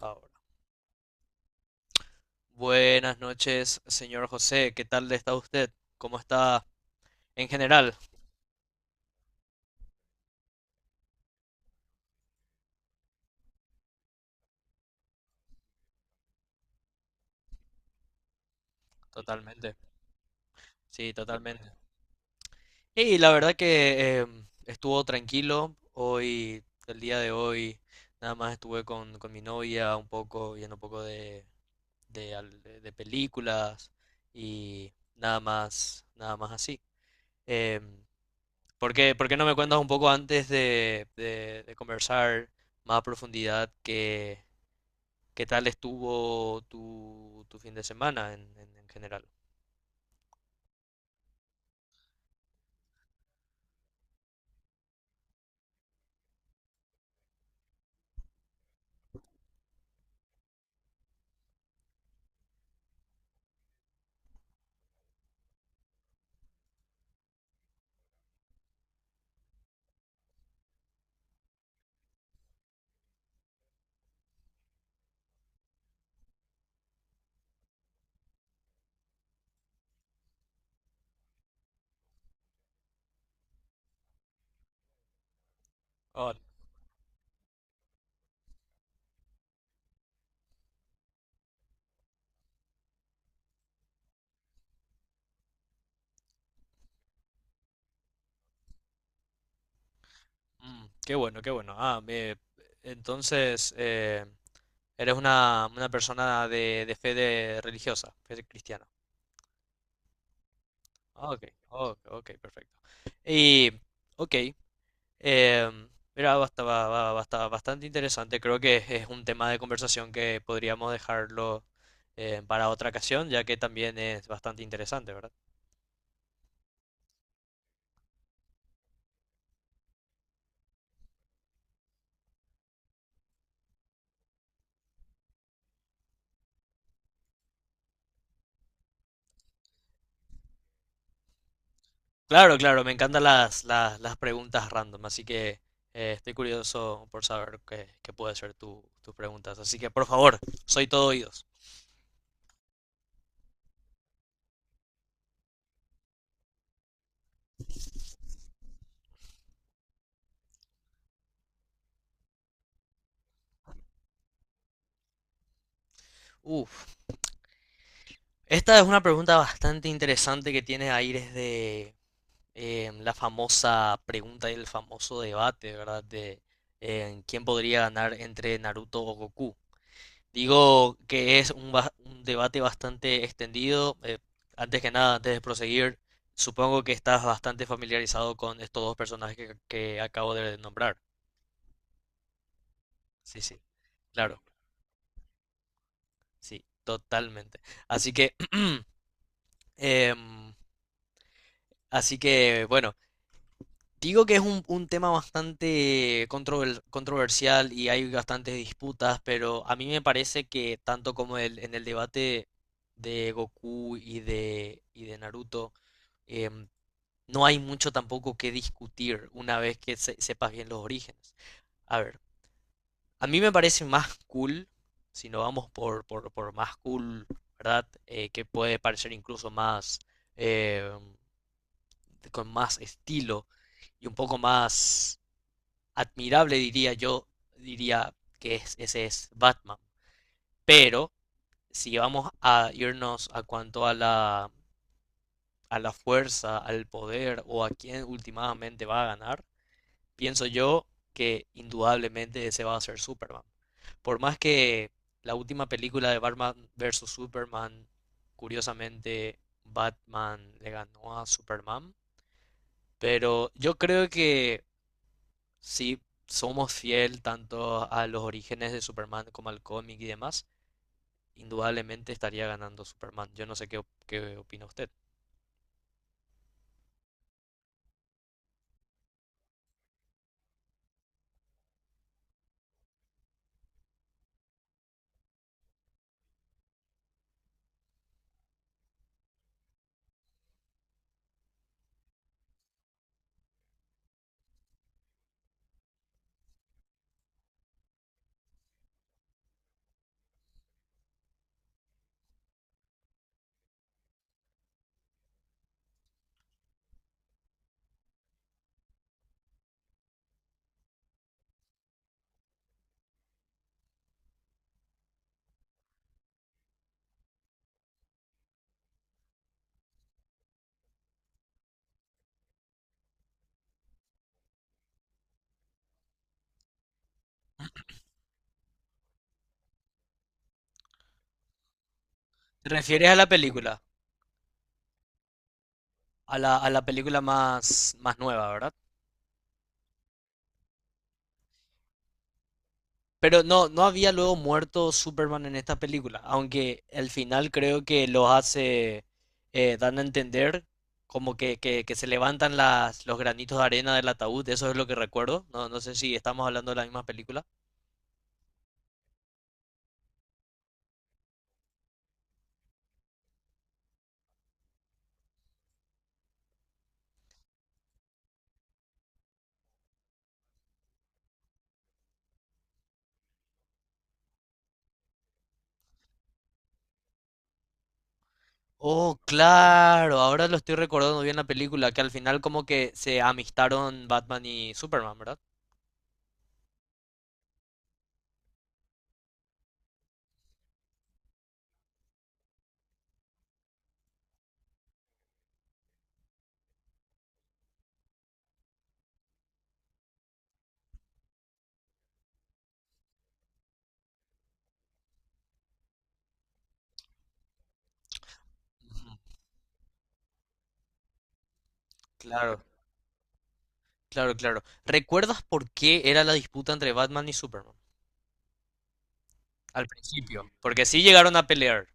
Ahora. Buenas noches, señor José. ¿Qué tal está usted? ¿Cómo está en general? Totalmente. Sí, totalmente. Y la verdad que estuvo tranquilo. Hoy, el día de hoy, nada más estuve con mi novia un poco, viendo un poco de películas y nada más, nada más así. Em, ¿Por qué, por qué no me cuentas un poco antes de conversar más a profundidad que... ¿Qué tal estuvo tu, tu fin de semana en general? Ah, Qué bueno, qué bueno. Entonces eres una persona de, religiosa, fe cristiana. Ah, ok, ok, ok, perfecto. Y, ok, em, mira, bastante interesante. Creo que es un tema de conversación que podríamos dejarlo para otra ocasión, ya que también es bastante interesante, ¿verdad? Claro, claro, me encantan las preguntas random, así que estoy curioso por saber qué, qué puede ser tu, tus preguntas. Así que, por favor, soy todo oídos. Uf, esta es una pregunta bastante interesante que tiene aires de la famosa pregunta y el famoso debate, ¿verdad? De quién podría ganar entre Naruto o Goku. Digo que es un debate bastante extendido. Antes que nada, antes de proseguir, supongo que estás bastante familiarizado con estos dos personajes que acabo de nombrar. Sí, sí, claro, sí, totalmente. Así que, em, así que, bueno, digo que es un tema controversial y hay bastantes disputas, pero a mí me parece que tanto como en el debate de Goku y y de Naruto, em, no hay mucho tampoco que discutir una vez que sepas bien los orígenes. A ver, a mí me parece más cool, si no vamos por, por más cool, ¿verdad? Que puede parecer incluso más, eh, con más estilo y un poco más admirable, diría yo, diría que ese es Batman. Pero si vamos a irnos a cuanto a la fuerza, al poder o a quién últimamente va a ganar, pienso yo que indudablemente ese va a ser Superman. Por más que la última película de Batman versus Superman, curiosamente, Batman le ganó a Superman, pero yo creo que si somos fiel tanto a los orígenes de Superman como al cómic y demás, indudablemente estaría ganando Superman. Yo no sé qué opina usted. ¿Te refieres a la película? A la película más, más nueva, ¿verdad? Pero no, no había luego muerto Superman en esta película, aunque al final creo que lo hace, dan a entender como que se levantan las, los granitos de arena del ataúd, eso es lo que recuerdo, no, no sé si estamos hablando de la misma película. Oh, claro, ahora lo estoy recordando bien la película, que al final como que se amistaron Batman y Superman, ¿verdad? Ujú. Claro, claro, claro. ¿Recuerdas por qué era la disputa entre Batman y Superman? Al principio, porque sí llegaron a pelear.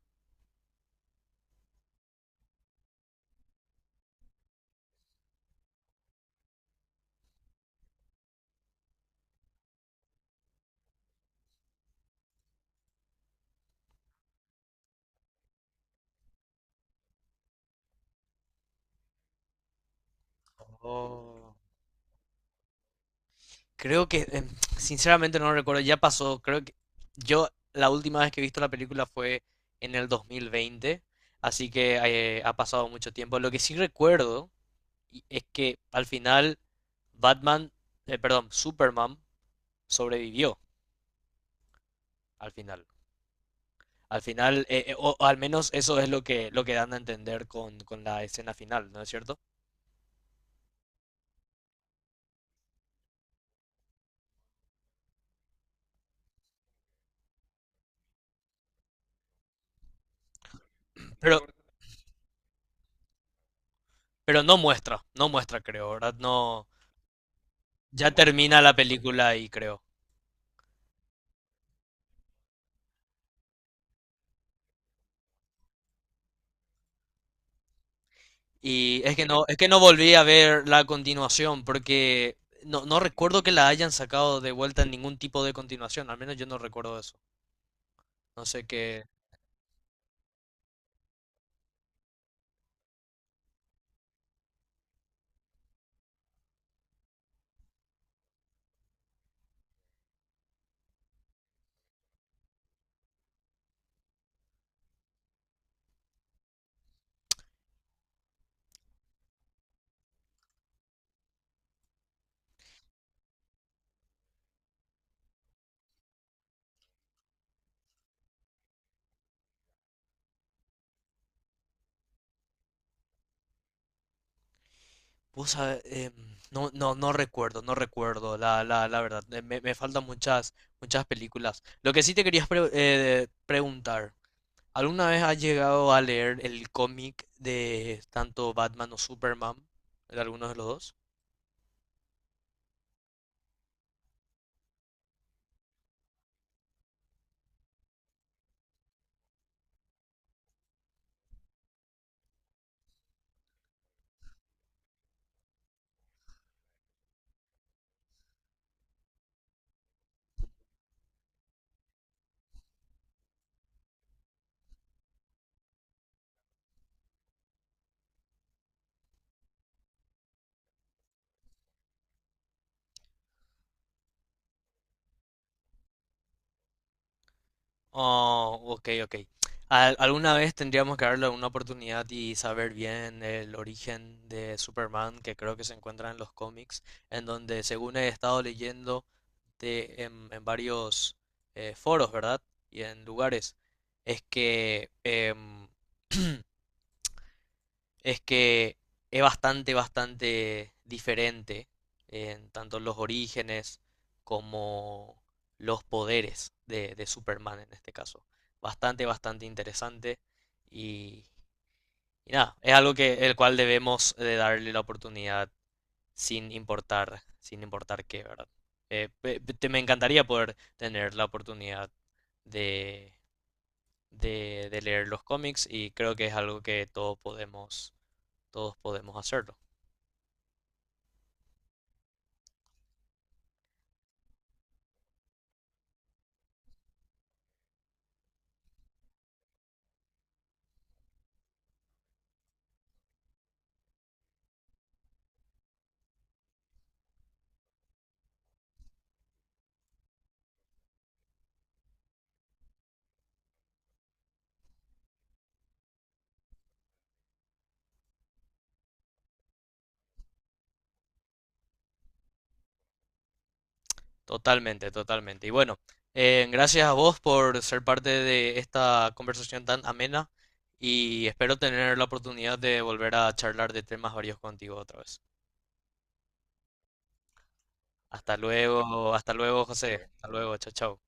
Oh. Creo que, sinceramente no recuerdo, ya pasó, creo que yo la última vez que he visto la película fue en el 2020, así que ha pasado mucho tiempo. Lo que sí recuerdo es que al final Batman, Superman sobrevivió al final. Al final, o al menos eso es lo que dan a entender con la escena final, ¿no es cierto? Pero, pero no muestra, no muestra, creo, ¿verdad? No, ya termina la película ahí, creo. Y es que no volví a ver la continuación porque no, no recuerdo que la hayan sacado de vuelta en ningún tipo de continuación, al menos yo no recuerdo eso. No sé qué. Vos sabe- em, no, no, no recuerdo, no recuerdo, la verdad. Me, me faltan muchas, muchas películas. Lo que sí te quería preguntar, ¿alguna vez has llegado a leer el cómic de tanto Batman o Superman? ¿De alguno de los dos? Oh, ok, ok. Alguna vez tendríamos que darle una oportunidad y saber bien el origen de Superman, que creo que se encuentra en los cómics, en donde, según he estado leyendo en varios foros, ¿verdad? Y en lugares, es que es que es bastante, bastante diferente en tanto los orígenes como los poderes de Superman en este caso. Bastante, bastante interesante y, y nada, es algo que el cual debemos de darle la oportunidad sin importar, sin importar qué, ¿verdad? Me encantaría poder tener la oportunidad de, de leer los cómics y creo que es algo que todos podemos hacerlo. Totalmente, totalmente. Y bueno, gracias a vos por ser parte de esta conversación tan amena y espero tener la oportunidad de volver a charlar de temas varios contigo otra vez. Hasta luego, José. Hasta luego, chao, chao.